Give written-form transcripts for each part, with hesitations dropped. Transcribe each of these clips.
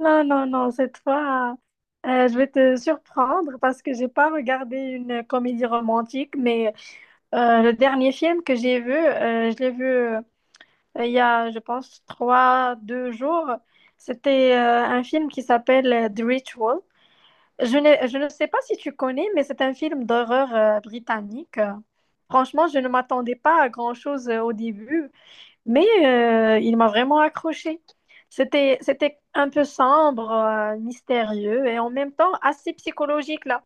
Non, non, non, cette fois, je vais te surprendre parce que j'ai pas regardé une comédie romantique, mais le dernier film que j'ai vu, je l'ai vu il y a, je pense, trois, deux jours. C'était un film qui s'appelle The Ritual. Je ne sais pas si tu connais, mais c'est un film d'horreur britannique. Franchement, je ne m'attendais pas à grand-chose au début, mais il m'a vraiment accroché. C'était un peu sombre, mystérieux et en même temps assez psychologique là.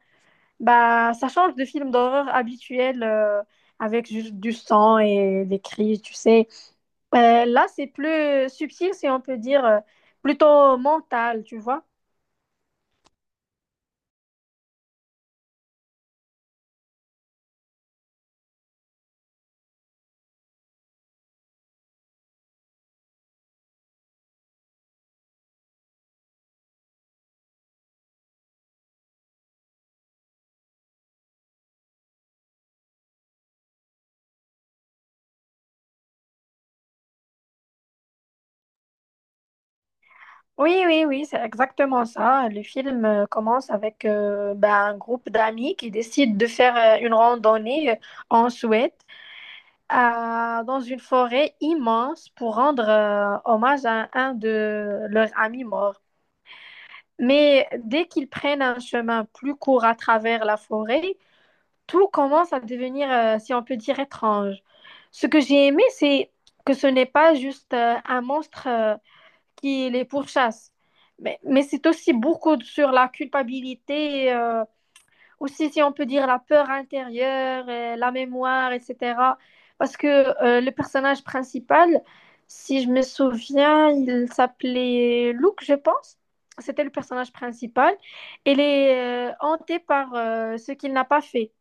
Bah, ça change de film d'horreur habituel avec juste du sang et des cris, tu sais. Là, c'est plus subtil, si on peut dire, plutôt mental, tu vois. Oui, oui, oui, c'est exactement ça. Le film commence avec bah, un groupe d'amis qui décident de faire une randonnée en Suède. Dans une forêt immense pour rendre hommage à un de leurs amis morts. Mais dès qu'ils prennent un chemin plus court à travers la forêt, tout commence à devenir, si on peut dire, étrange. Ce que j'ai aimé, c'est que ce n'est pas juste un monstre qui les pourchasse, mais c'est aussi beaucoup sur la culpabilité. Aussi si on peut dire la peur intérieure, la mémoire, etc. Parce que le personnage principal, si je me souviens, il s'appelait Luke, je pense. C'était le personnage principal. Il est hanté par ce qu'il n'a pas fait.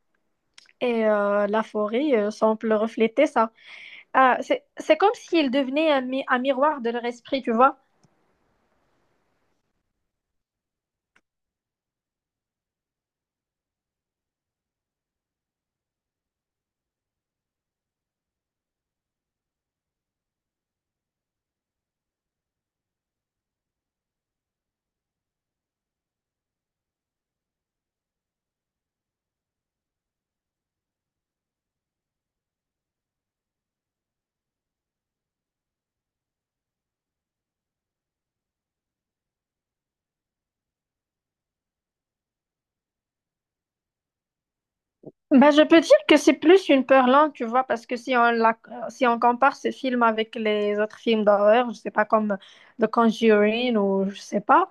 Et la forêt semble refléter ça. Ah, c'est comme s'il devenait un, un miroir de leur esprit, tu vois. Ben, je peux dire que c'est plus une peur lente, tu vois, parce que si on compare ce film avec les autres films d'horreur, je sais pas, comme The Conjuring ou je sais pas,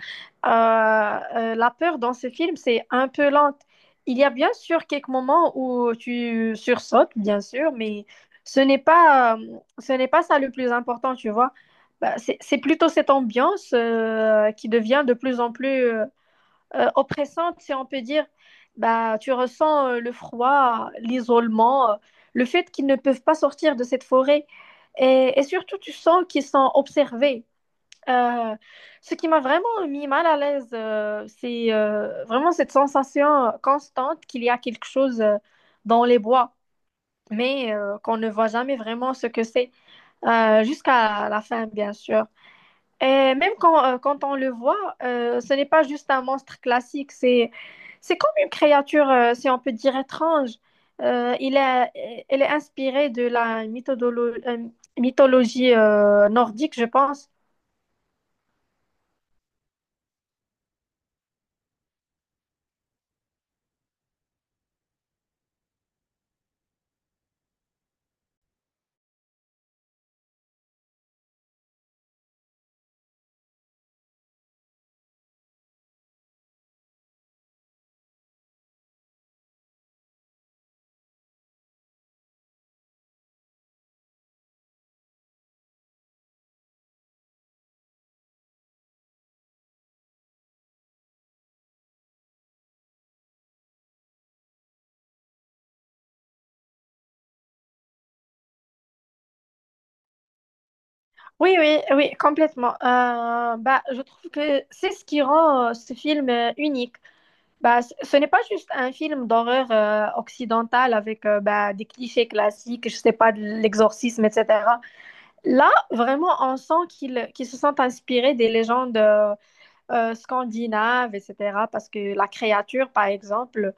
la peur dans ce film, c'est un peu lente. Il y a bien sûr quelques moments où tu sursautes, bien sûr, mais ce n'est pas, euh, ce n'est pas ça le plus important, tu vois. Ben, c'est plutôt cette ambiance, qui devient de plus en plus oppressante, si on peut dire. Bah, tu ressens le froid, l'isolement, le fait qu'ils ne peuvent pas sortir de cette forêt. Et surtout, tu sens qu'ils sont observés. Euh, Ce qui m'a vraiment mis mal à l'aise, c'est vraiment cette sensation constante qu'il y a quelque chose dans les bois, mais qu'on ne voit jamais vraiment ce que c'est, jusqu'à la fin, bien sûr. Et même quand on le voit, ce n'est pas juste un monstre classique, c'est comme une créature, si on peut dire, étrange. Elle est inspirée de la mythologie nordique, je pense. Oui, oui, oui, complètement. Bah, je trouve que c'est ce qui rend ce film unique. Bah, ce n'est pas juste un film d'horreur occidental avec bah, des clichés classiques, je sais pas, de l'exorcisme, etc. Là, vraiment, on sent qu'ils se sont inspirés des légendes scandinaves, etc. Parce que la créature, par exemple,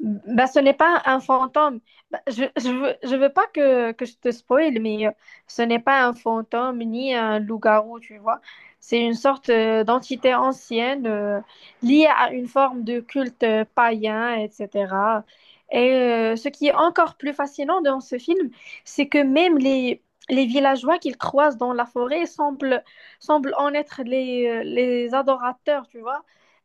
ben, ce n'est pas un fantôme. Ben, je veux pas que je te spoil, mais ce n'est pas un fantôme ni un loup-garou, tu vois. C'est une sorte d'entité ancienne liée à une forme de culte païen, etc. Et ce qui est encore plus fascinant dans ce film, c'est que même les villageois qu'ils croisent dans la forêt semblent en être les adorateurs, tu vois.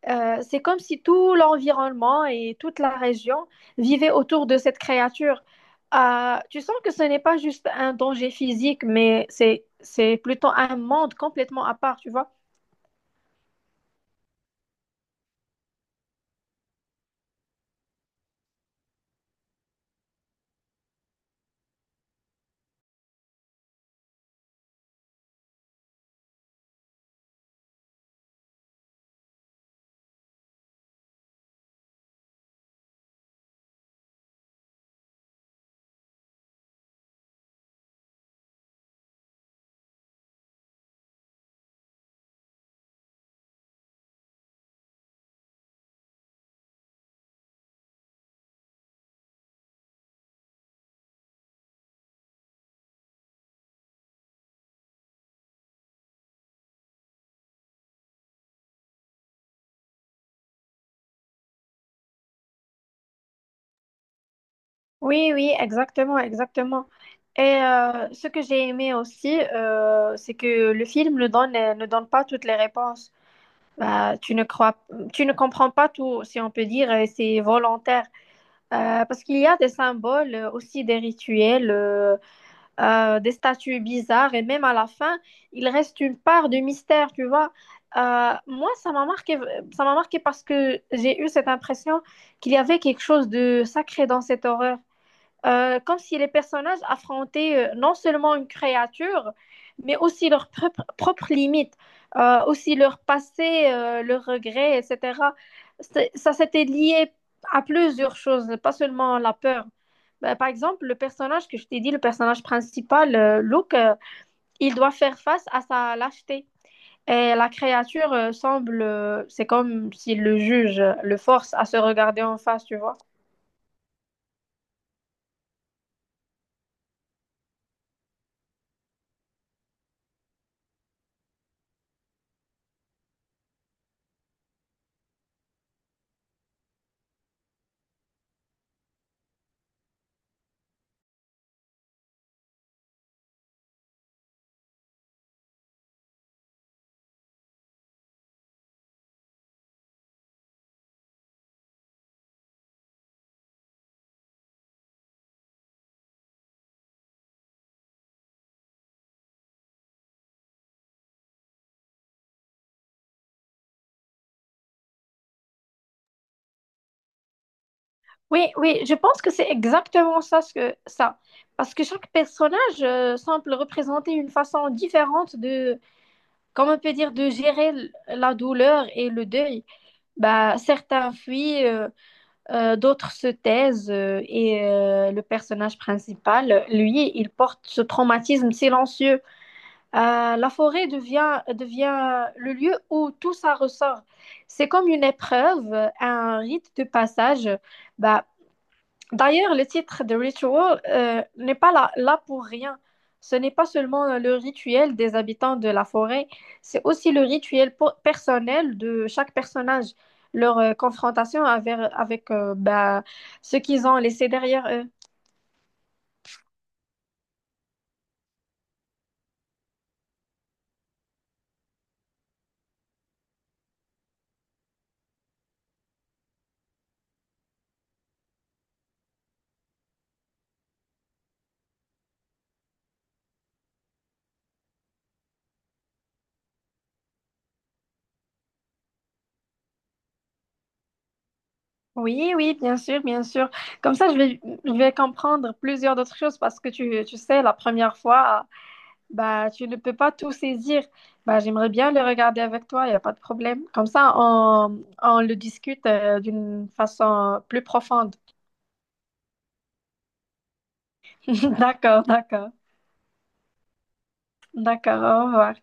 C'est comme si tout l'environnement et toute la région vivaient autour de cette créature. Tu sens que ce n'est pas juste un danger physique, mais c'est plutôt un monde complètement à part, tu vois. Oui, oui, exactement, exactement. Et ce que j'ai aimé aussi, c'est que le film ne donne pas toutes les réponses. Bah, tu ne comprends pas tout, si on peut dire, et c'est volontaire. Parce qu'il y a des symboles, aussi des rituels. Des statues bizarres et même à la fin, il reste une part de mystère, tu vois. Moi, ça m'a marqué parce que j'ai eu cette impression qu'il y avait quelque chose de sacré dans cette horreur. Comme si les personnages affrontaient non seulement une créature, mais aussi leurs propres limites, aussi leur passé, leurs regrets, etc. Ça s'était lié à plusieurs choses, pas seulement la peur. Ben, par exemple, le personnage que je t'ai dit, le personnage principal, Luke, il doit faire face à sa lâcheté. Et la créature semble, c'est comme si le juge le force à se regarder en face, tu vois. Oui, oui, je pense que c'est exactement ça, ça. Parce que chaque personnage semble représenter une façon différente de, comment on peut dire, de gérer la douleur et le deuil. Bah, certains fuient, d'autres se taisent, et le personnage principal, lui, il porte ce traumatisme silencieux. La forêt devient le lieu où tout ça ressort. C'est comme une épreuve, un rite de passage. Bah, d'ailleurs, le titre de Ritual n'est pas là pour rien. Ce n'est pas seulement le rituel des habitants de la forêt, c'est aussi le rituel personnel de chaque personnage, leur confrontation avec bah, ce qu'ils ont laissé derrière eux. Oui, oui, bien sûr, bien sûr. Comme ça, je vais comprendre plusieurs d'autres choses parce que tu sais, la première fois, bah, tu ne peux pas tout saisir. Bah, j'aimerais bien le regarder avec toi, il n'y a pas de problème. Comme ça, on le discute d'une façon plus profonde. D'accord, d'accord, d'accord, au revoir.